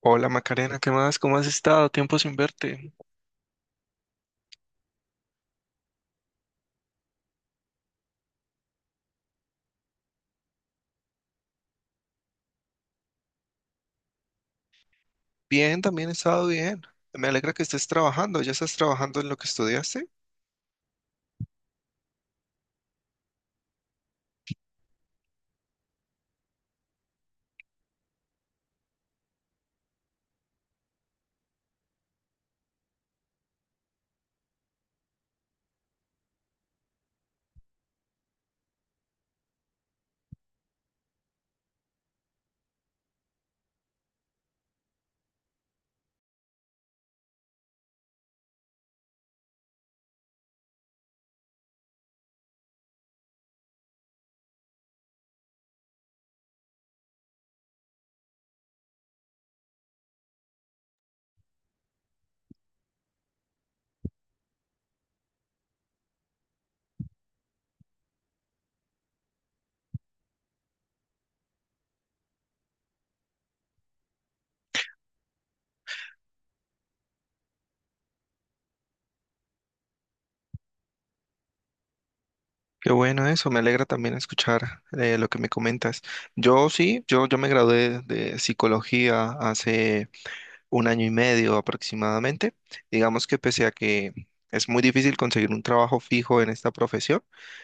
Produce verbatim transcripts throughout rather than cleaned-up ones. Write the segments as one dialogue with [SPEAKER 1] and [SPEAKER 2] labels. [SPEAKER 1] Hola Macarena, ¿qué más? ¿Cómo has estado? Tiempo sin verte. Bien, también he estado bien. Me alegra que estés trabajando. ¿Ya estás trabajando en lo que estudiaste? Qué bueno eso, me alegra también escuchar eh, lo que me comentas. Yo sí, yo, yo me gradué de psicología hace un año y medio aproximadamente. Digamos que pese a que es muy difícil conseguir un trabajo fijo en esta profesión,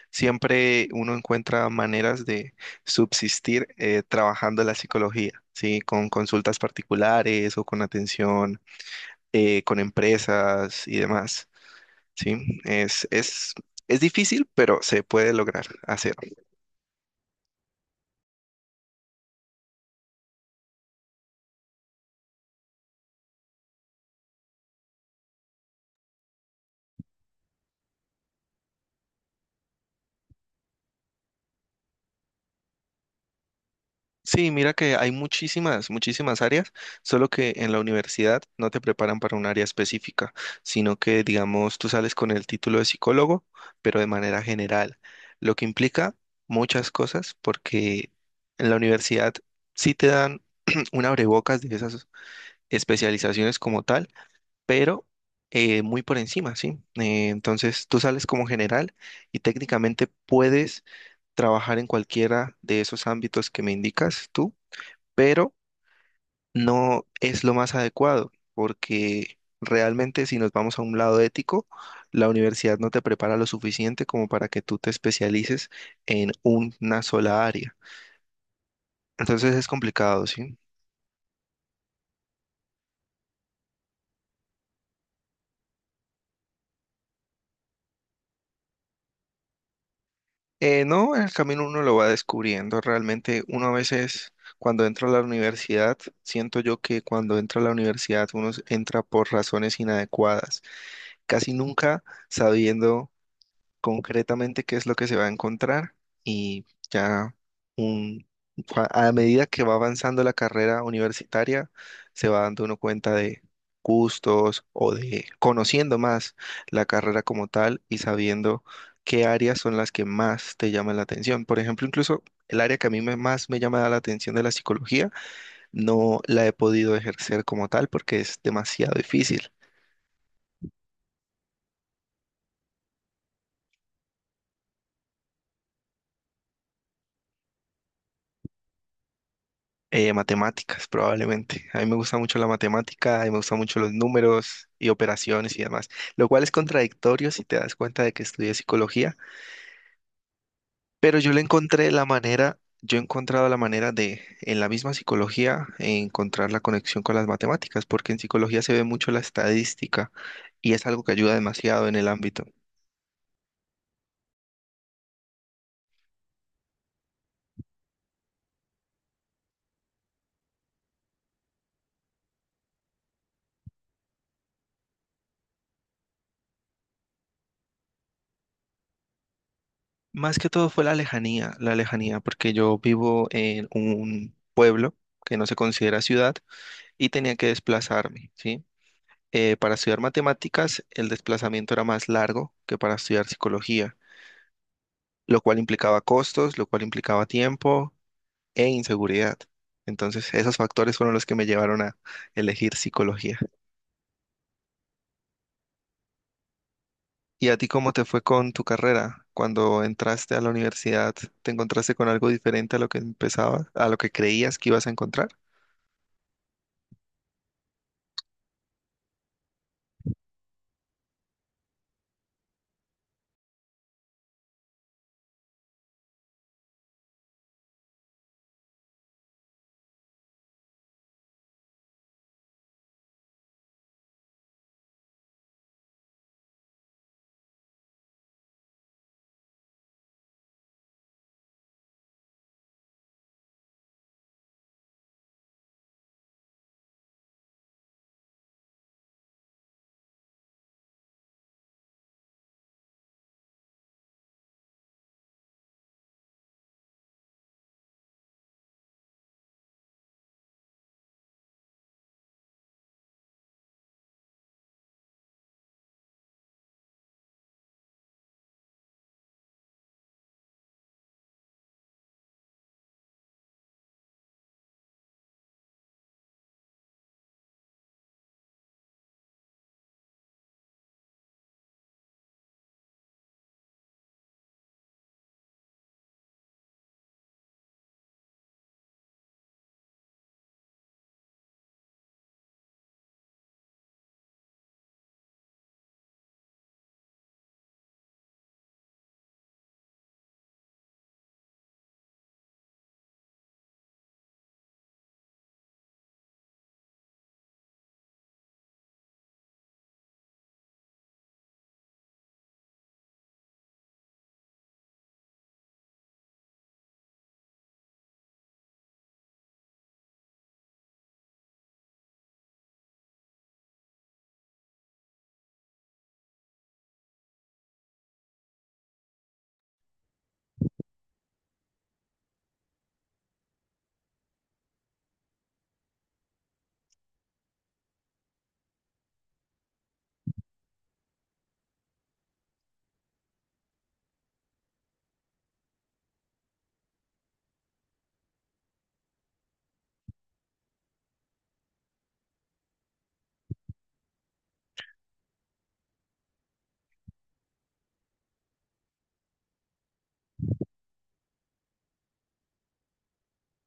[SPEAKER 1] siempre uno encuentra maneras de subsistir eh, trabajando la psicología, ¿sí? Con consultas particulares o con atención eh, con empresas y demás, ¿sí? Es, es, es difícil, pero se puede lograr hacer. Sí, mira que hay muchísimas, muchísimas áreas, solo que en la universidad no te preparan para un área específica, sino que, digamos, tú sales con el título de psicólogo, pero de manera general, lo que implica muchas cosas, porque en la universidad sí te dan un abrebocas de esas especializaciones como tal, pero eh, muy por encima, ¿sí? Eh, entonces tú sales como general y técnicamente puedes trabajar en cualquiera de esos ámbitos que me indicas tú, pero no es lo más adecuado, porque realmente si nos vamos a un lado ético, la universidad no te prepara lo suficiente como para que tú te especialices en una sola área. Entonces es complicado, ¿sí? Eh, no, en el camino uno lo va descubriendo. Realmente uno a veces, cuando entra a la universidad, siento yo que cuando entra a la universidad uno s- entra por razones inadecuadas, casi nunca sabiendo concretamente qué es lo que se va a encontrar y ya un, a medida que va avanzando la carrera universitaria, se va dando uno cuenta de gustos o de conociendo más la carrera como tal y sabiendo qué áreas son las que más te llaman la atención. Por ejemplo, incluso el área que a mí me- más me llama la atención de la psicología, no la he podido ejercer como tal porque es demasiado difícil. Eh, matemáticas, probablemente. A mí me gusta mucho la matemática, y me gustan mucho los números y operaciones y demás, lo cual es contradictorio si te das cuenta de que estudié psicología, pero yo le encontré la manera, yo he encontrado la manera de, en la misma psicología, encontrar la conexión con las matemáticas, porque en psicología se ve mucho la estadística y es algo que ayuda demasiado en el ámbito. Más que todo fue la lejanía, la lejanía, porque yo vivo en un pueblo que no se considera ciudad y tenía que desplazarme, ¿sí? Eh, para estudiar matemáticas, el desplazamiento era más largo que para estudiar psicología, lo cual implicaba costos, lo cual implicaba tiempo e inseguridad. Entonces, esos factores fueron los que me llevaron a elegir psicología. ¿Y a ti cómo te fue con tu carrera? Cuando entraste a la universidad, ¿te encontraste con algo diferente a lo que empezabas, a lo que creías que ibas a encontrar?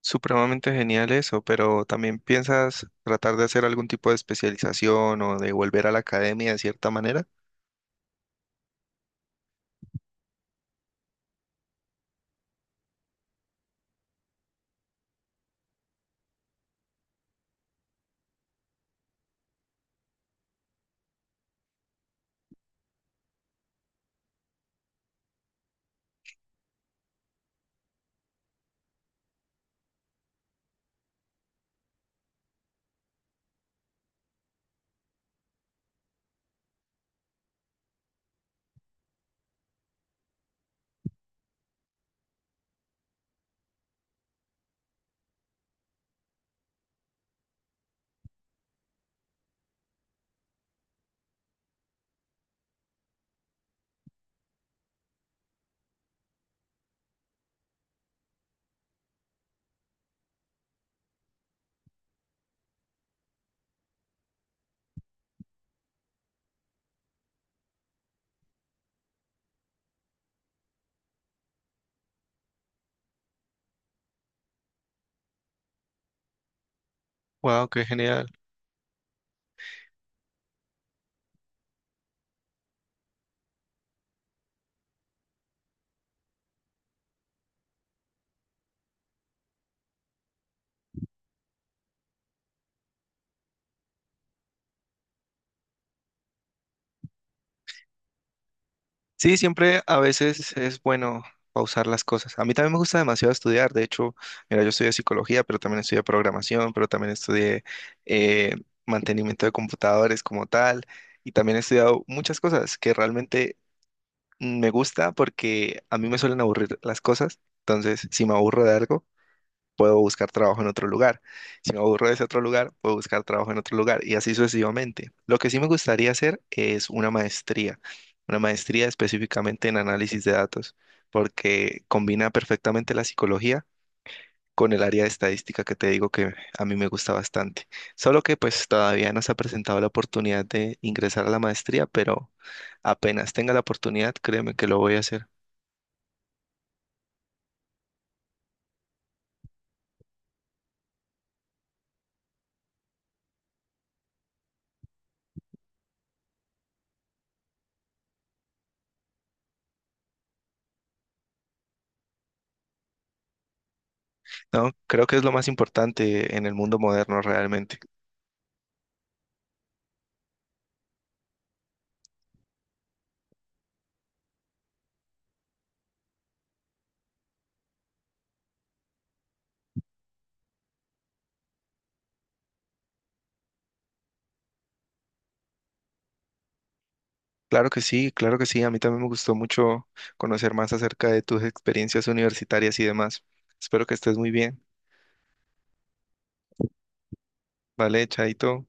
[SPEAKER 1] Supremamente genial eso, pero también piensas tratar de hacer algún tipo de especialización o de volver a la academia de cierta manera. Wow, qué genial. Sí, siempre a veces es bueno pausar las cosas. A mí también me gusta demasiado estudiar. De hecho, mira, yo estudié psicología, pero también estudié programación, pero también estudié eh, mantenimiento de computadores como tal. Y también he estudiado muchas cosas que realmente mm, me gusta porque a mí me suelen aburrir las cosas. Entonces, si me aburro de algo, puedo buscar trabajo en otro lugar. Si me aburro de ese otro lugar, puedo buscar trabajo en otro lugar y así sucesivamente. Lo que sí me gustaría hacer es una maestría, una maestría específicamente en análisis de datos, porque combina perfectamente la psicología con el área de estadística que te digo que a mí me gusta bastante. Solo que pues todavía no se ha presentado la oportunidad de ingresar a la maestría, pero apenas tenga la oportunidad, créeme que lo voy a hacer. No, creo que es lo más importante en el mundo moderno realmente. Claro que sí, claro que sí. A mí también me gustó mucho conocer más acerca de tus experiencias universitarias y demás. Espero que estés muy bien. Vale, chaito.